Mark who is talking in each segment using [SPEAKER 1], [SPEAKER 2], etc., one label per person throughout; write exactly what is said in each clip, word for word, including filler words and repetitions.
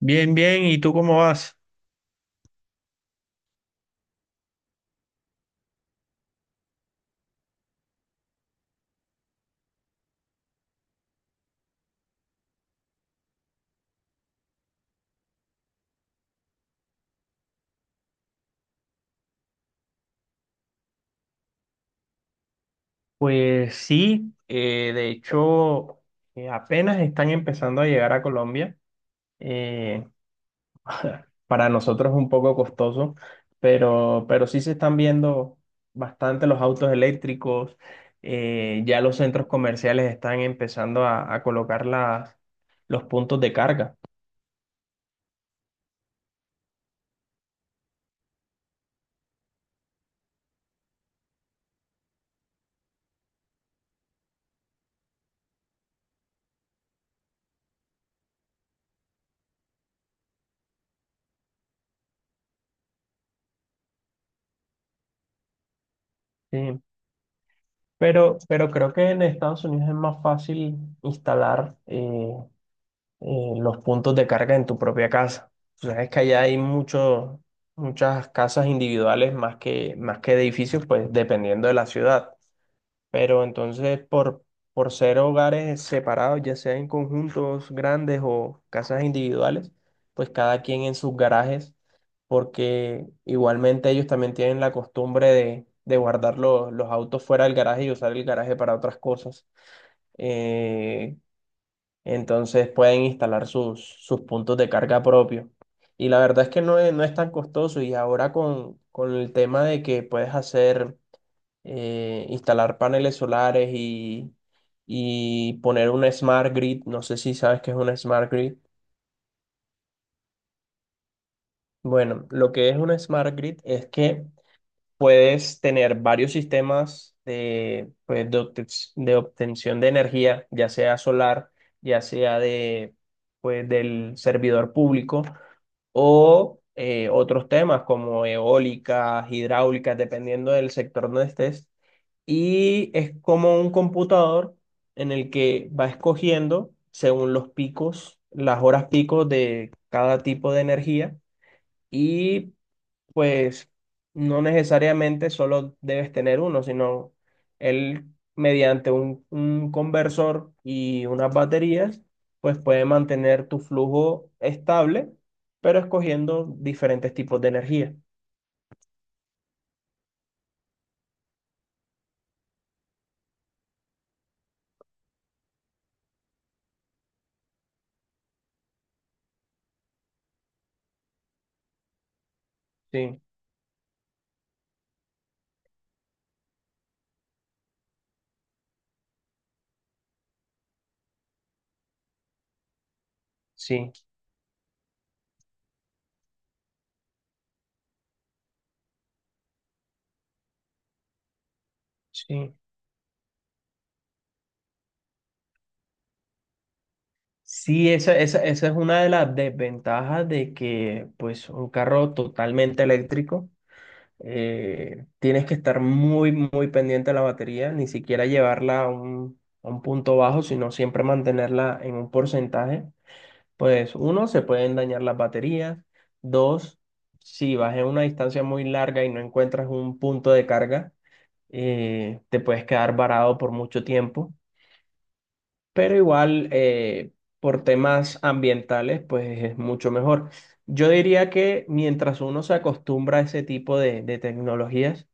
[SPEAKER 1] Bien, bien, ¿y tú cómo vas? Pues sí, eh, de hecho, eh, apenas están empezando a llegar a Colombia. eh, para nosotros es un poco costoso, pero, pero sí se están viendo bastante los autos eléctricos. Eh, ya los centros comerciales están empezando a, a colocar las, los puntos de carga. Sí. Pero, pero creo que en Estados Unidos es más fácil instalar. Eh, eh, los puntos de carga en tu propia casa. Tú sabes que allá hay muchos muchas casas individuales más que, más que edificios, pues dependiendo de la ciudad. Pero entonces, por, por ser hogares separados, ya sea en conjuntos grandes o casas individuales, pues cada quien en sus garajes, porque igualmente ellos también tienen la costumbre de, de guardar los, los autos fuera del garaje y usar el garaje para otras cosas. Eh, entonces pueden instalar sus, sus puntos de carga propios. Y la verdad es que no es, no es tan costoso. Y ahora con, con el tema de que puedes hacer, eh, instalar paneles solares y, y poner un smart grid, no sé si sabes qué es un smart grid. Bueno, lo que es un smart grid es que puedes tener varios sistemas de, pues, de obten- de obtención de energía, ya sea solar, ya sea de, pues, del servidor público o eh, otros temas como eólicas, hidráulicas, dependiendo del sector donde estés. Y es como un computador en el que va escogiendo según los picos, las horas picos de cada tipo de energía y pues no necesariamente solo debes tener uno, sino él mediante un, un conversor y unas baterías, pues puede mantener tu flujo estable, pero escogiendo diferentes tipos de energía. Sí, sí, sí. Sí, esa, esa, esa es una de las desventajas de que pues un carro totalmente eléctrico eh, tienes que estar muy, muy pendiente de la batería, ni siquiera llevarla a un, a un punto bajo, sino siempre mantenerla en un porcentaje. Pues uno, se pueden dañar las baterías. Dos, si vas en una distancia muy larga y no encuentras un punto de carga, eh, te puedes quedar varado por mucho tiempo pero igual eh, por temas ambientales, pues es mucho mejor. Yo diría que mientras uno se acostumbra a ese tipo de, de tecnologías,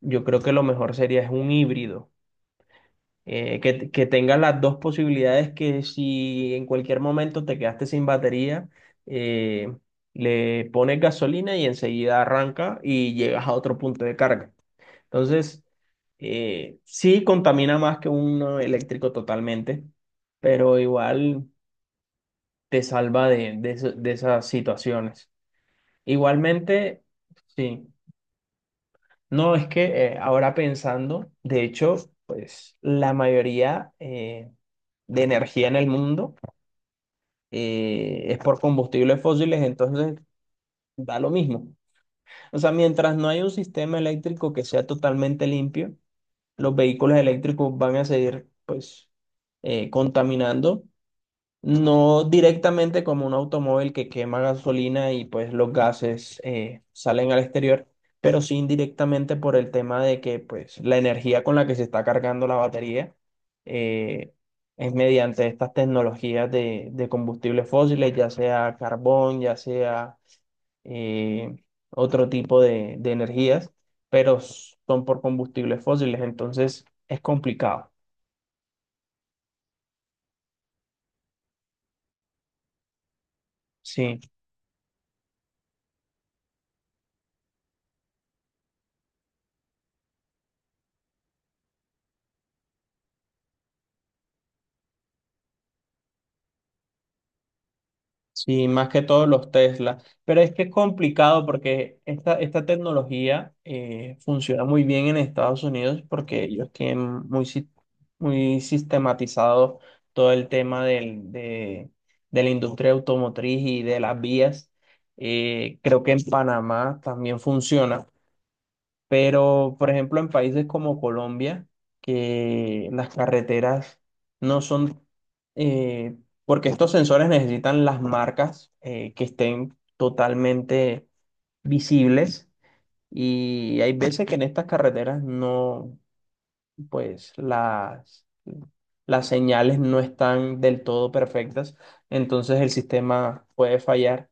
[SPEAKER 1] yo creo que lo mejor sería es un híbrido, eh, que, que tenga las dos posibilidades que si en cualquier momento te quedaste sin batería, eh, le pones gasolina y enseguida arranca y llegas a otro punto de carga. Entonces, eh, sí contamina más que uno eléctrico totalmente, pero igual te salva de, de, eso- de esas situaciones. Igualmente, sí. No, es que eh, ahora pensando, de hecho, pues la mayoría eh, de energía en el mundo eh, es por combustibles fósiles, entonces da lo mismo. O sea, mientras no hay un sistema eléctrico que sea totalmente limpio, los vehículos eléctricos van a seguir, pues, eh, contaminando, no directamente como un automóvil que quema gasolina y pues los gases eh, salen al exterior, pero sí indirectamente por el tema de que pues la energía con la que se está cargando la batería eh, es mediante estas tecnologías de, de combustibles fósiles, ya sea carbón, ya sea eh, otro tipo de, de energías, pero s- son por combustibles fósiles, entonces es complicado. Sí, sí, más que todos los Tesla. Pero es que es complicado porque esta, esta tecnología eh, funciona muy bien en Estados Unidos porque ellos tienen muy, si- muy sistematizado todo el tema del, de, de la industria automotriz y de las vías. Eh, creo que en Panamá también funciona. Pero, por ejemplo, en países como Colombia, que las carreteras no son, eh, porque estos sensores necesitan las marcas eh, que estén totalmente visibles y hay veces que en estas carreteras no, pues las, las señales no están del todo perfectas, entonces el sistema puede fallar.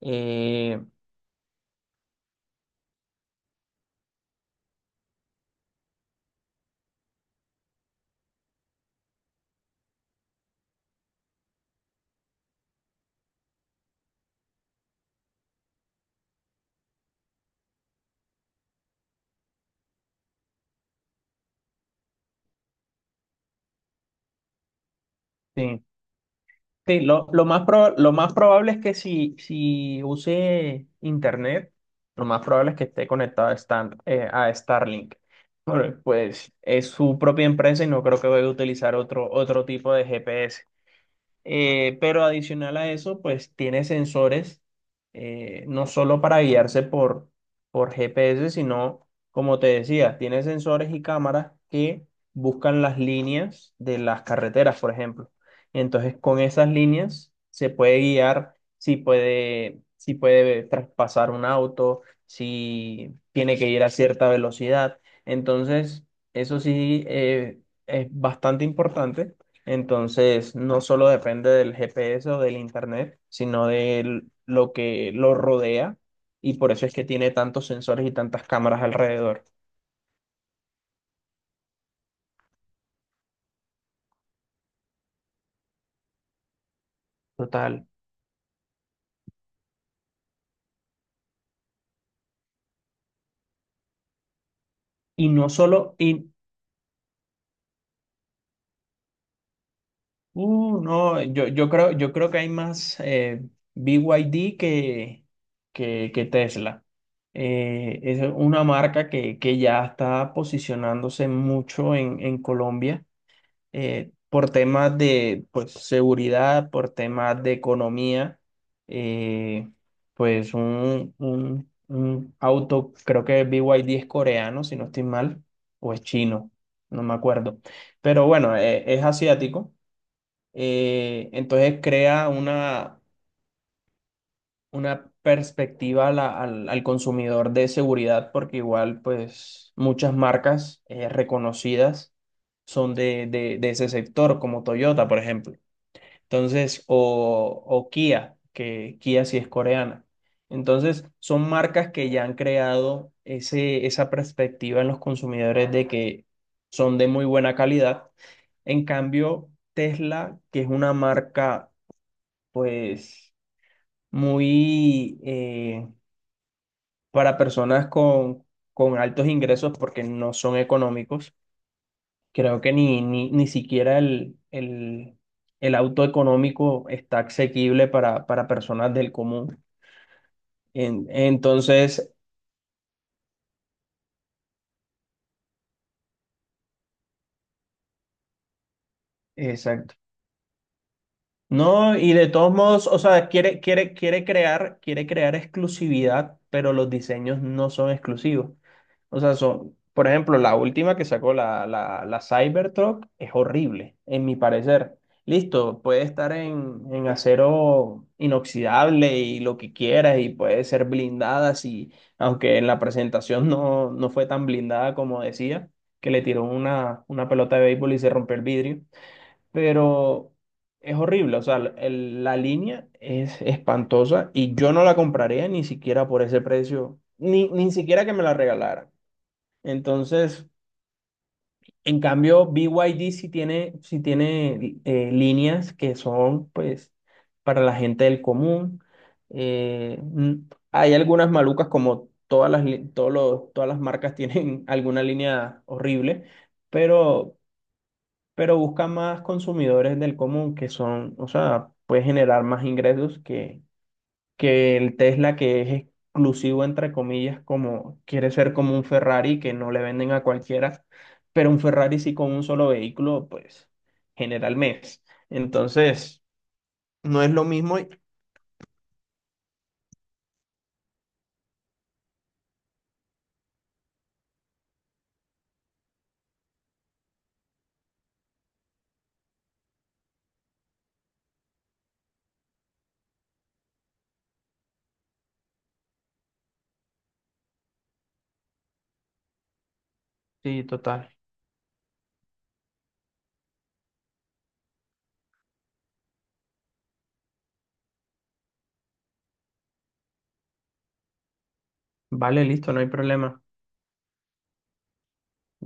[SPEAKER 1] Eh, Sí, lo, lo más proba- lo más probable es que si, si use internet, lo más probable es que esté conectado a, Stan- eh, a Starlink. Bueno, pues es su propia empresa y no creo que vaya a utilizar otro, otro tipo de G P S. Eh, pero adicional a eso, pues tiene sensores eh, no solo para guiarse por, por G P S, sino, como te decía, tiene sensores y cámaras que buscan las líneas de las carreteras, por ejemplo. Entonces, con esas líneas se puede guiar si puede, si puede traspasar un auto, si tiene que ir a cierta velocidad. Entonces, eso sí eh, es bastante importante entonces, no solo depende del G P S o del internet, sino de lo que lo rodea y por eso es que tiene tantos sensores y tantas cámaras alrededor. Total. Y no solo, y, uh, no, yo, yo creo, yo creo que hay más eh, B Y D que, que, que Tesla. Eh, es una marca que, que ya está posicionándose mucho en, en Colombia eh, por temas de pues, seguridad, por temas de economía, eh, pues un, un- un auto, creo que B Y D es coreano, si no estoy mal, o es chino, no me acuerdo. Pero bueno, eh, es asiático. Eh, entonces crea una, una perspectiva a la- al, al consumidor de seguridad, porque igual pues muchas marcas eh, reconocidas son de, de- de ese sector, como Toyota, por ejemplo. Entonces, o, o Kia, que Kia sí es coreana. Entonces, son marcas que ya han creado ese, esa perspectiva en los consumidores de que son de muy buena calidad. En cambio, Tesla, que es una marca pues muy... eh, para personas con, con altos ingresos porque no son económicos. Creo que ni, ni, ni siquiera el, el, el auto económico está asequible para, para personas del común. En- entonces, exacto. No, y de todos modos, o sea, quiere, quiere, quiere crear, quiere crear exclusividad, pero los diseños no son exclusivos. O sea, son, por ejemplo, la última que sacó la, la, la Cybertruck es horrible, en mi parecer. Listo, puede estar en, en acero inoxidable y lo que quieras, y puede ser blindada, si, aunque en la presentación no, no fue tan blindada como decía, que le tiró una, una pelota de béisbol y se rompió el vidrio, pero es horrible, o sea, el- la línea es espantosa y yo no la compraría ni siquiera por ese precio, ni, ni siquiera que me la regalaran. Entonces, en cambio, B Y D sí tiene, sí tiene eh, líneas que son, pues, para la gente del común. Eh, mm, hay algunas malucas como todas las, li- todos los- todas las marcas tienen alguna línea horrible, pero pero busca más consumidores del común que son, o sea, puede generar más ingresos que, que el Tesla que es exclusivo, entre comillas, como quiere ser como un Ferrari que no le venden a cualquiera, pero un Ferrari sí con un solo vehículo, pues genera al mes. Entonces, no es lo mismo. Y- Sí, total. Vale, listo, no hay problema.